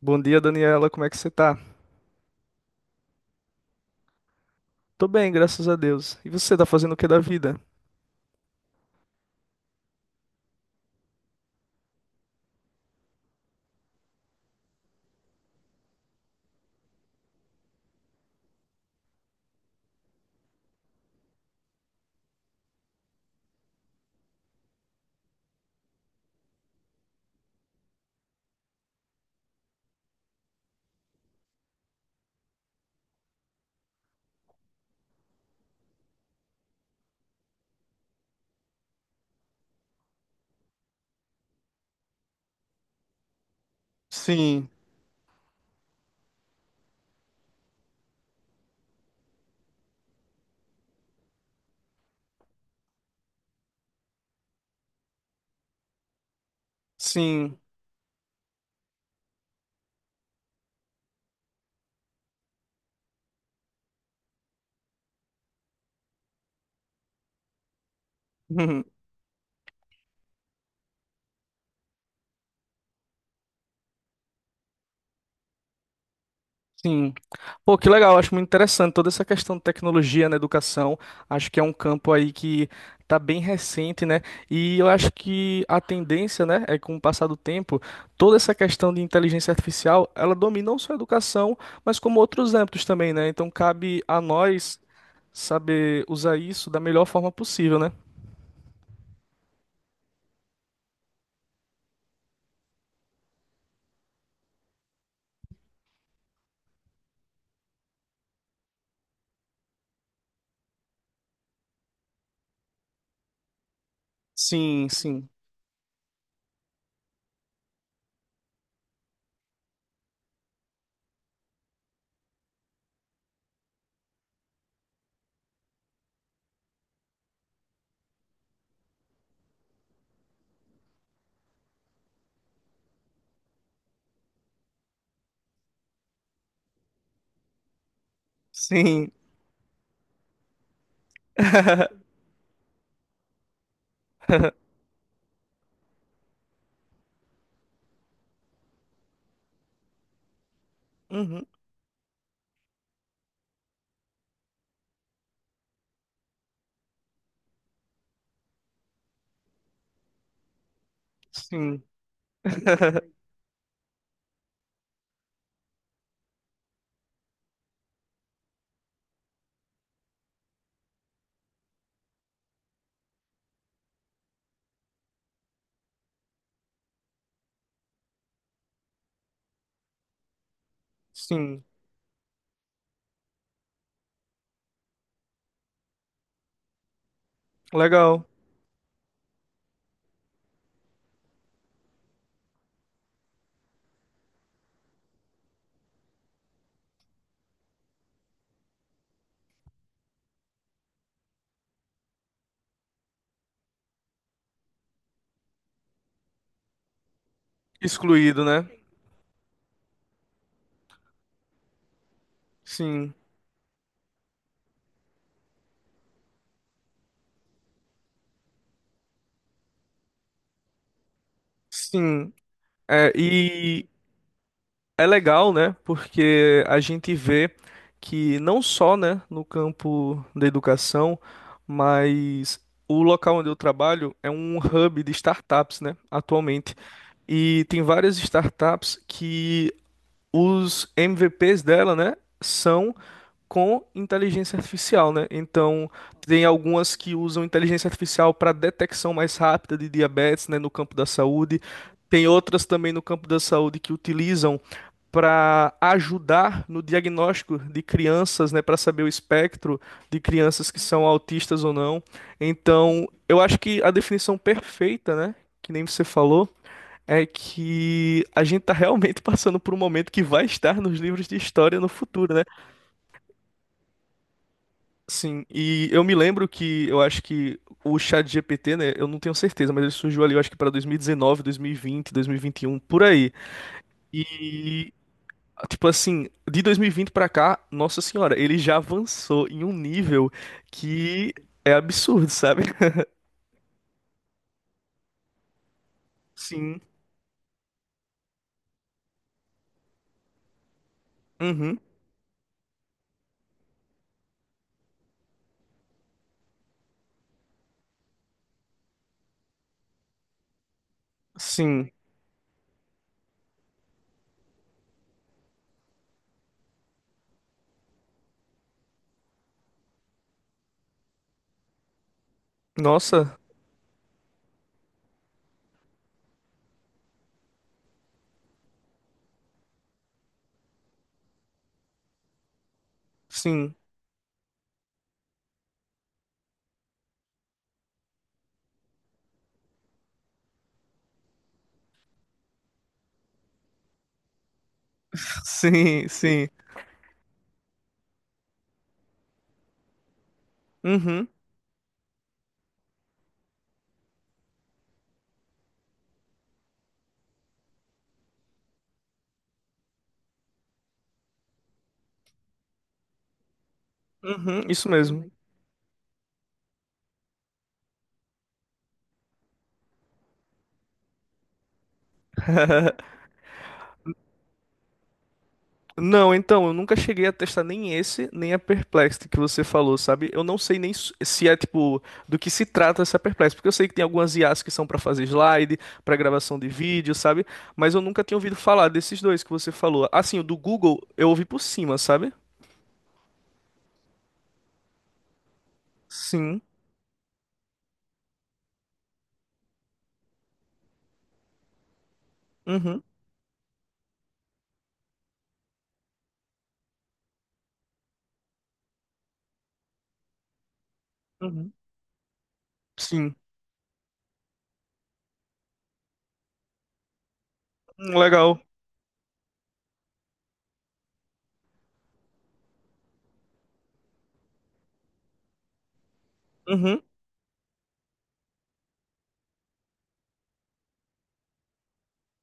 Bom dia, Daniela. Como é que você tá? Tô bem, graças a Deus. E você tá fazendo o que da vida? Sim, sim, sim. Pô, que legal. Acho muito interessante toda essa questão de tecnologia na educação. Acho que é um campo aí que tá bem recente, né? E eu acho que a tendência, né, é que com o passar do tempo, toda essa questão de inteligência artificial, ela domina não só a educação, mas como outros âmbitos também, né? Então cabe a nós saber usar isso da melhor forma possível, né? Sim, sim. Sim. Uhum. Sim. Sim. Legal. Excluído, né? Sim. Sim. É, e é legal, né? Porque a gente vê que não só, né, no campo da educação, mas o local onde eu trabalho é um hub de startups, né, atualmente. E tem várias startups que os MVPs dela, né, são com inteligência artificial, né? Então, tem algumas que usam inteligência artificial para detecção mais rápida de diabetes, né, no campo da saúde. Tem outras também no campo da saúde que utilizam para ajudar no diagnóstico de crianças, né, para saber o espectro de crianças que são autistas ou não. Então, eu acho que a definição perfeita, né, que nem você falou, é que a gente está realmente passando por um momento que vai estar nos livros de história no futuro, né? Sim, e eu me lembro que eu acho que o chat GPT né, eu não tenho certeza, mas ele surgiu ali, eu acho que para 2019, 2020, 2021, por aí. E tipo assim, de 2020 para cá, nossa senhora, ele já avançou em um nível que é absurdo, sabe? Sim. Uhum. Sim. Nossa. Sim. Sim, sim. Uhum. Uhum. Isso mesmo. Não, então, eu nunca cheguei a testar nem esse, nem a Perplexity que você falou, sabe? Eu não sei nem se é, tipo, do que se trata essa Perplexity, porque eu sei que tem algumas IAs que são para fazer slide, para gravação de vídeo, sabe? Mas eu nunca tinha ouvido falar desses dois que você falou. Assim, o do Google eu ouvi por cima, sabe? Sim. Uhum. Uhum. Sim. Legal. Uhum.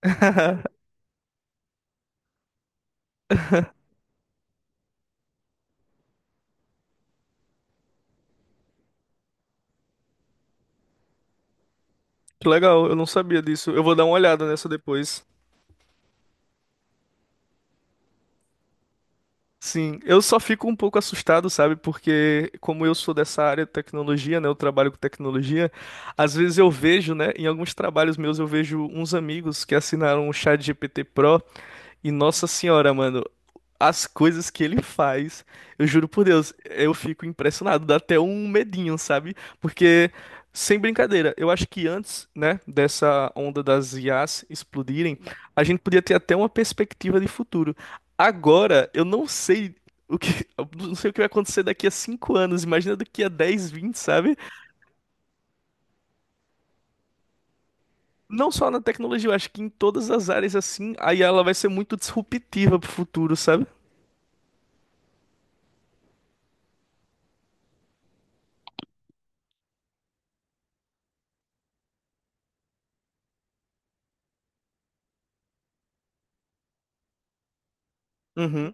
Que legal, eu não sabia disso. Eu vou dar uma olhada nessa depois. Sim, eu só fico um pouco assustado, sabe? Porque como eu sou dessa área de tecnologia, né, eu trabalho com tecnologia, às vezes eu vejo, né, em alguns trabalhos meus eu vejo uns amigos que assinaram o ChatGPT Pro e nossa senhora, mano, as coisas que ele faz, eu juro por Deus, eu fico impressionado, dá até um medinho, sabe? Porque sem brincadeira, eu acho que antes, né, dessa onda das IAs explodirem, a gente podia ter até uma perspectiva de futuro. Agora, eu não sei o que, eu não sei o que vai acontecer daqui a 5 anos, imagina daqui a 10 20 sabe? Não só na tecnologia, eu acho que em todas as áreas assim, a IA ela vai ser muito disruptiva pro futuro, sabe? Uhum.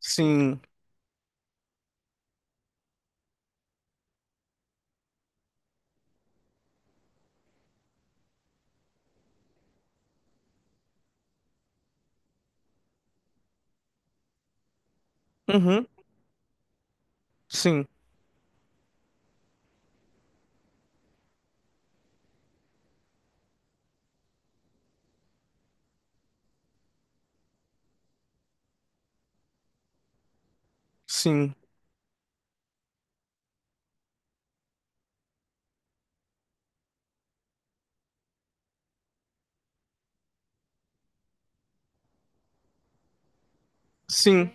Sim. Uhum. Sim. Sim. Sim.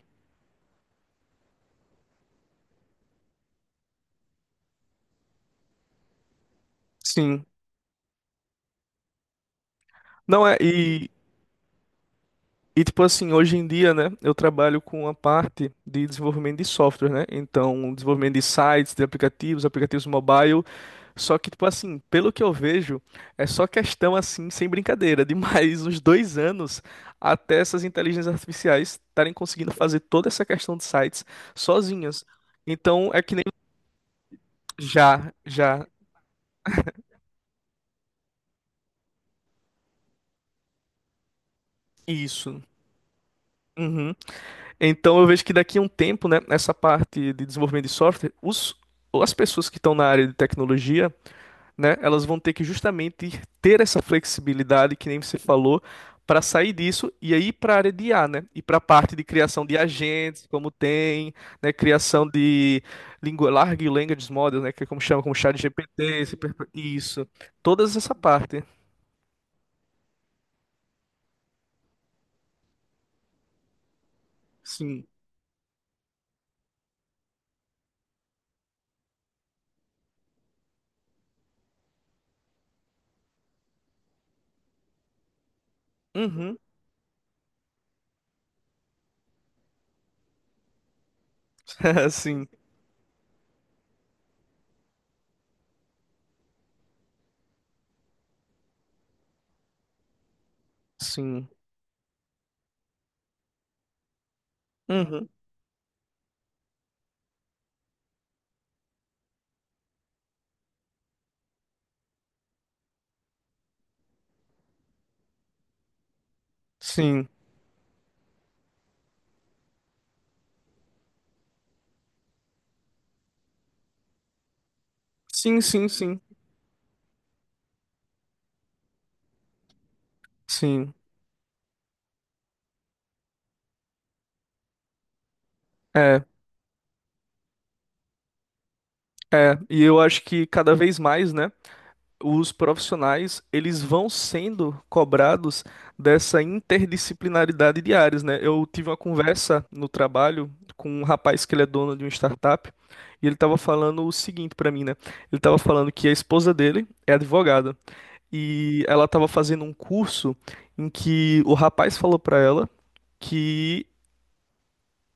Sim. Não é, e tipo assim, hoje em dia, né, eu trabalho com a parte de desenvolvimento de software, né? Então, desenvolvimento de sites, de aplicativos, aplicativos mobile. Só que, tipo assim, pelo que eu vejo, é só questão assim, sem brincadeira, de mais uns 2 anos até essas inteligências artificiais estarem conseguindo fazer toda essa questão de sites sozinhas. Então, é que nem já, já, isso. Uhum. Então eu vejo que daqui a um tempo, né, essa parte de desenvolvimento de software, as pessoas que estão na área de tecnologia, né, elas vão ter que justamente ter essa flexibilidade que nem você falou para sair disso e aí para a área de IA, né? E para a parte de criação de agentes, como tem, né, criação de lingu large language models, né, que é como chama, como ChatGPT, isso, todas essa parte. Sim. Uhum. Sim. Sim. Uhum. Sim. Sim, sim, sim. Sim, é, é. E eu acho que cada vez mais, né, os profissionais, eles vão sendo cobrados dessa interdisciplinaridade de áreas, né? Eu tive uma conversa no trabalho com um rapaz que ele é dono de uma startup e ele estava falando o seguinte para mim, né? Ele estava falando que a esposa dele é advogada e ela estava fazendo um curso em que o rapaz falou para ela que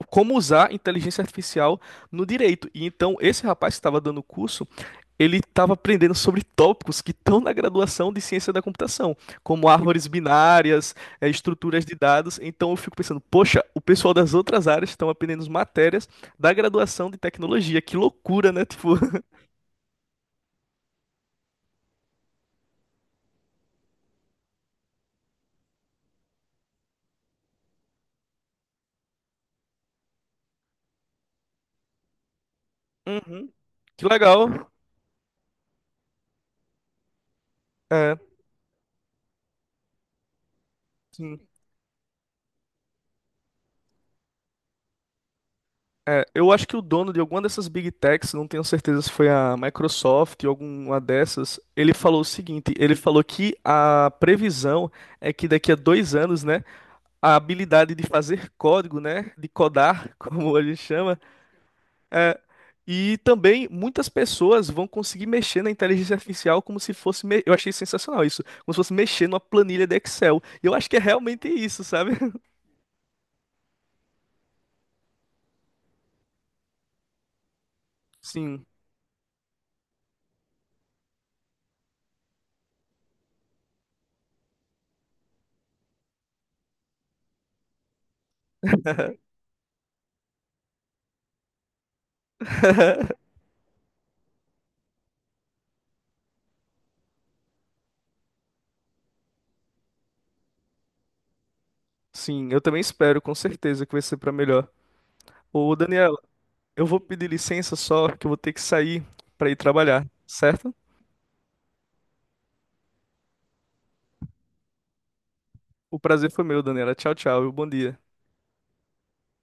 como usar inteligência artificial no direito. E então esse rapaz que estava dando o curso ele estava aprendendo sobre tópicos que estão na graduação de ciência da computação, como árvores binárias, estruturas de dados. Então eu fico pensando, poxa, o pessoal das outras áreas estão aprendendo as matérias da graduação de tecnologia. Que loucura, né? Tipo, uhum, que legal. É, sim. É, eu acho que o dono de alguma dessas big techs, não tenho certeza se foi a Microsoft ou alguma dessas, ele falou o seguinte: ele falou que a previsão é que daqui a 2 anos, né? A habilidade de fazer código, né? De codar, como a gente chama. É, e também muitas pessoas vão conseguir mexer na inteligência artificial como se fosse. Eu achei sensacional isso. Como se fosse mexer numa planilha de Excel. E eu acho que é realmente isso, sabe? Sim. Sim, eu também espero, com certeza, que vai ser para melhor. Ô, Daniel, eu vou pedir licença só, que eu vou ter que sair para ir trabalhar, certo? O prazer foi meu, Daniela. Tchau, tchau e bom dia.